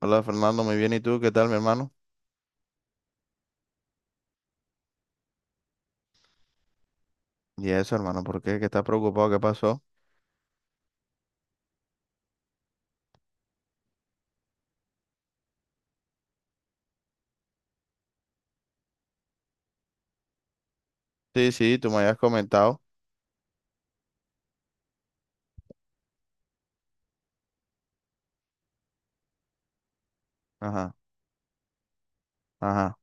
Hola Fernando, muy bien. ¿Y tú qué tal, mi hermano? Y eso, hermano, ¿por qué? ¿Qué estás preocupado? ¿Qué pasó? Sí, sí, tú me habías comentado. Ajá, ajá,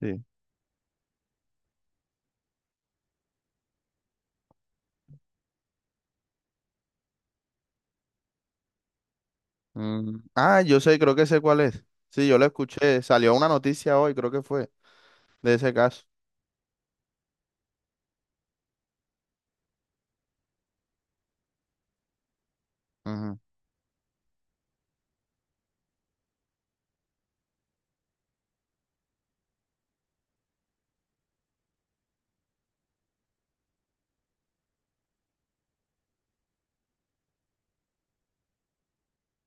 sí. Ah, yo sé, creo que sé cuál es. Sí, yo lo escuché. Salió una noticia hoy, creo que fue, de ese caso. Ujú,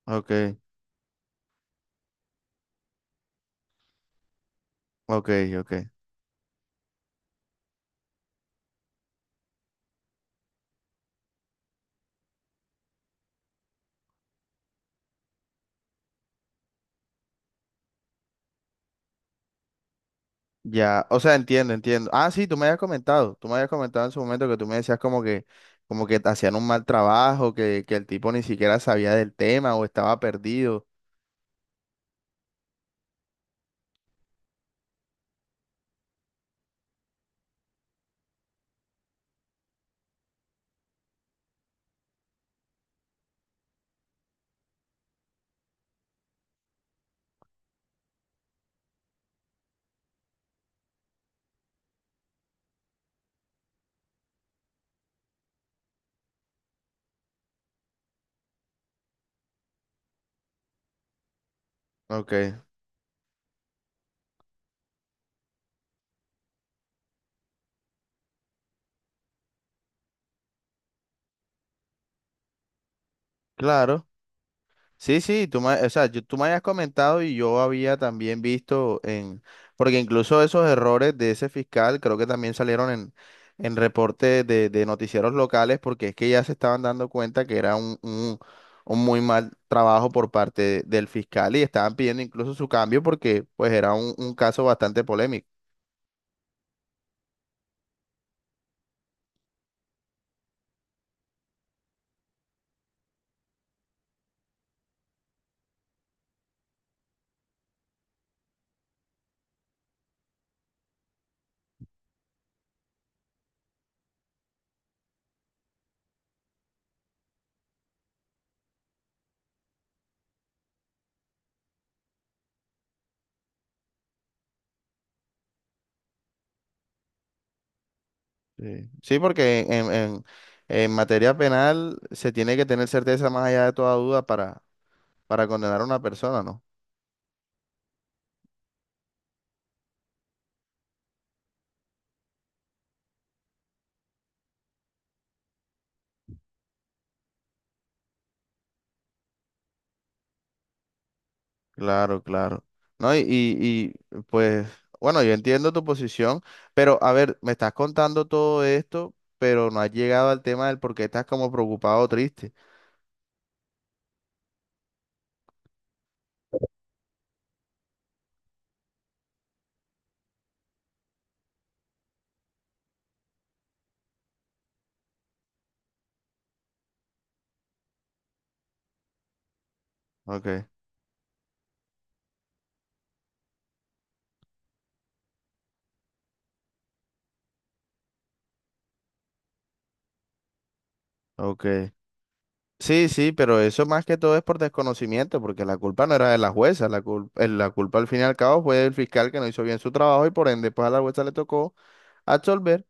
Ok, ok, ok. Ya, o sea, entiendo, entiendo. Ah, sí, tú me habías comentado. Tú me habías comentado en su momento que tú me decías como que te hacían un mal trabajo, que el tipo ni siquiera sabía del tema o estaba perdido. Ok, claro. Sí, sí, tú me, o sea, tú me habías comentado y yo había también visto porque incluso esos errores de ese fiscal creo que también salieron en reportes de noticieros locales porque es que ya se estaban dando cuenta que era un muy mal trabajo por parte del fiscal y estaban pidiendo incluso su cambio porque pues era un caso bastante polémico. Sí, sí, porque en materia penal se tiene que tener certeza más allá de toda duda para condenar a una persona, ¿no? Claro, claro. No, y, pues, bueno, yo entiendo tu posición, pero a ver, me estás contando todo esto, pero no has llegado al tema del por qué estás como preocupado o triste. Ok, ok. Sí, sí, pero eso más que todo es por desconocimiento, porque la culpa no era de la jueza, la culpa al fin y al cabo fue del fiscal que no hizo bien su trabajo y por ende, pues a la jueza le tocó absolver.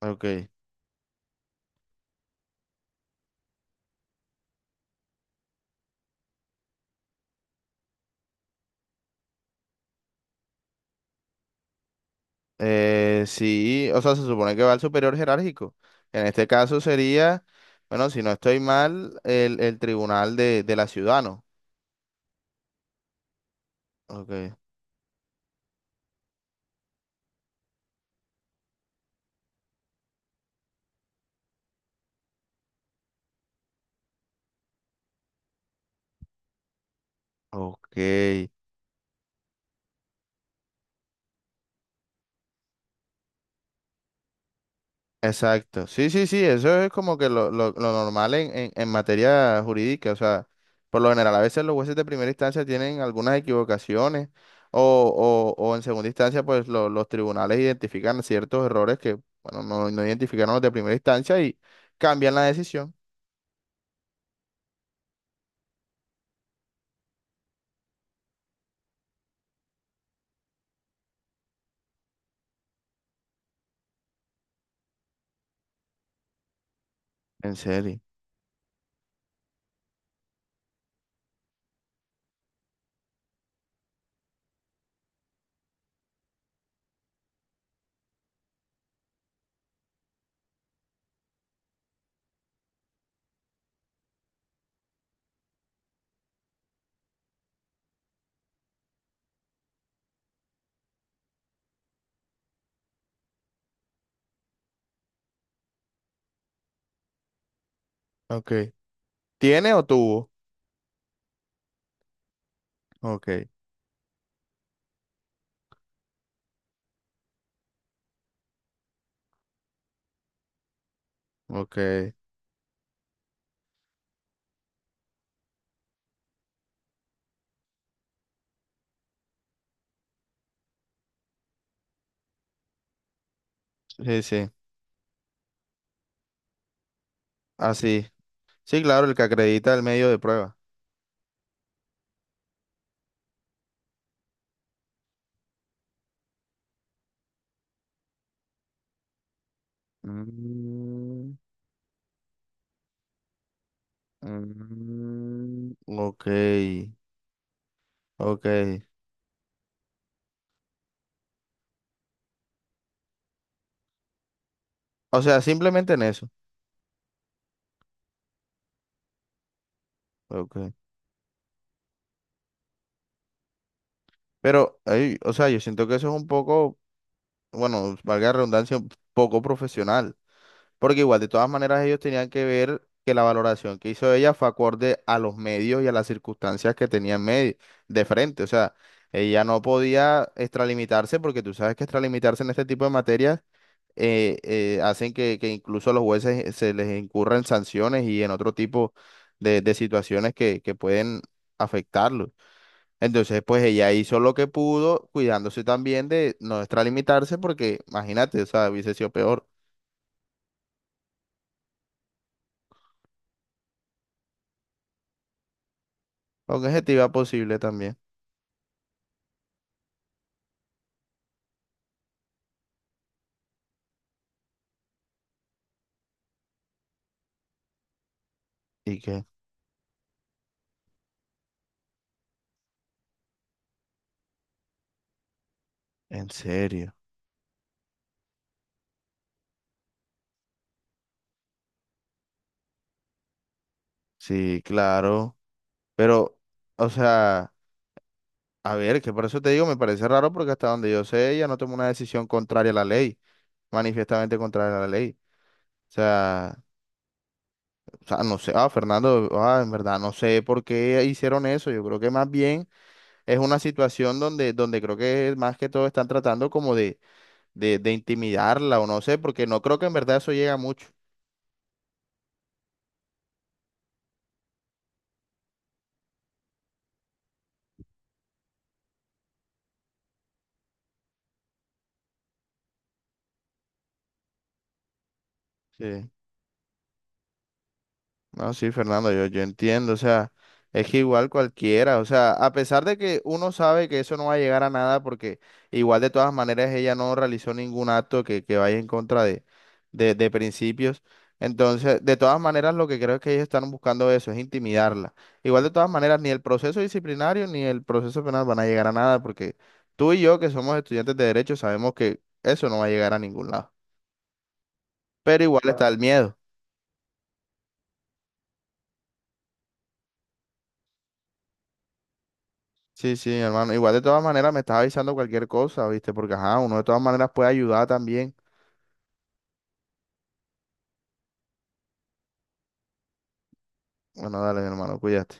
Ok. Sí, o sea, se supone que va al superior jerárquico. En este caso sería, bueno, si no estoy mal, el tribunal de la ciudad, ¿no? Ok, ok, exacto. Sí, sí, sí, eso es como que lo normal en materia jurídica. O sea, por lo general, a veces los jueces de primera instancia tienen algunas equivocaciones o en segunda instancia, pues los tribunales identifican ciertos errores que, bueno, no, no identificaron los de primera instancia y cambian la decisión. En serio. Ok. ¿Tiene o tuvo? Ok, ok. Sí, sí. Así. Sí, sí, claro, el que acredita el medio de prueba. Mm, mm, ok, ok. O sea, simplemente en eso. Ok. Pero, ay, o sea, yo siento que eso es un poco, bueno, valga la redundancia, un poco profesional. Porque igual, de todas maneras, ellos tenían que ver que la valoración que hizo ella fue acorde a los medios y a las circunstancias que tenía en medio, de frente. O sea, ella no podía extralimitarse porque tú sabes que extralimitarse en este tipo de materias hacen que, incluso a los jueces se les incurran sanciones y en otro tipo de situaciones que pueden afectarlos. Entonces, pues ella hizo lo que pudo, cuidándose también de no extralimitarse porque, imagínate, o sea, hubiese sido peor. Con objetiva posible también. Y qué, en serio, sí, claro, pero, o sea, a ver, que por eso te digo, me parece raro porque hasta donde yo sé, ella no tomó una decisión contraria a la ley, manifiestamente contraria a la ley. O sea, o sea, no sé, ah, Fernando, ah, en verdad, no sé por qué hicieron eso. Yo creo que más bien es una situación donde, creo que más que todo están tratando como de intimidarla o no sé, porque no creo que en verdad eso llega mucho. Sí. No, sí, Fernando, yo entiendo, o sea, es que igual cualquiera, o sea, a pesar de que uno sabe que eso no va a llegar a nada, porque igual de todas maneras ella no realizó ningún acto que vaya en contra de principios, entonces, de todas maneras, lo que creo es que ellos están buscando eso, es intimidarla. Igual de todas maneras, ni el proceso disciplinario ni el proceso penal van a llegar a nada, porque tú y yo, que somos estudiantes de derecho, sabemos que eso no va a llegar a ningún lado, pero igual está, claro, el miedo. Sí, sí, hermano. Igual de todas maneras me estás avisando cualquier cosa, ¿viste? Porque, ajá, uno de todas maneras puede ayudar también. Bueno, dale, mi hermano, cuídate.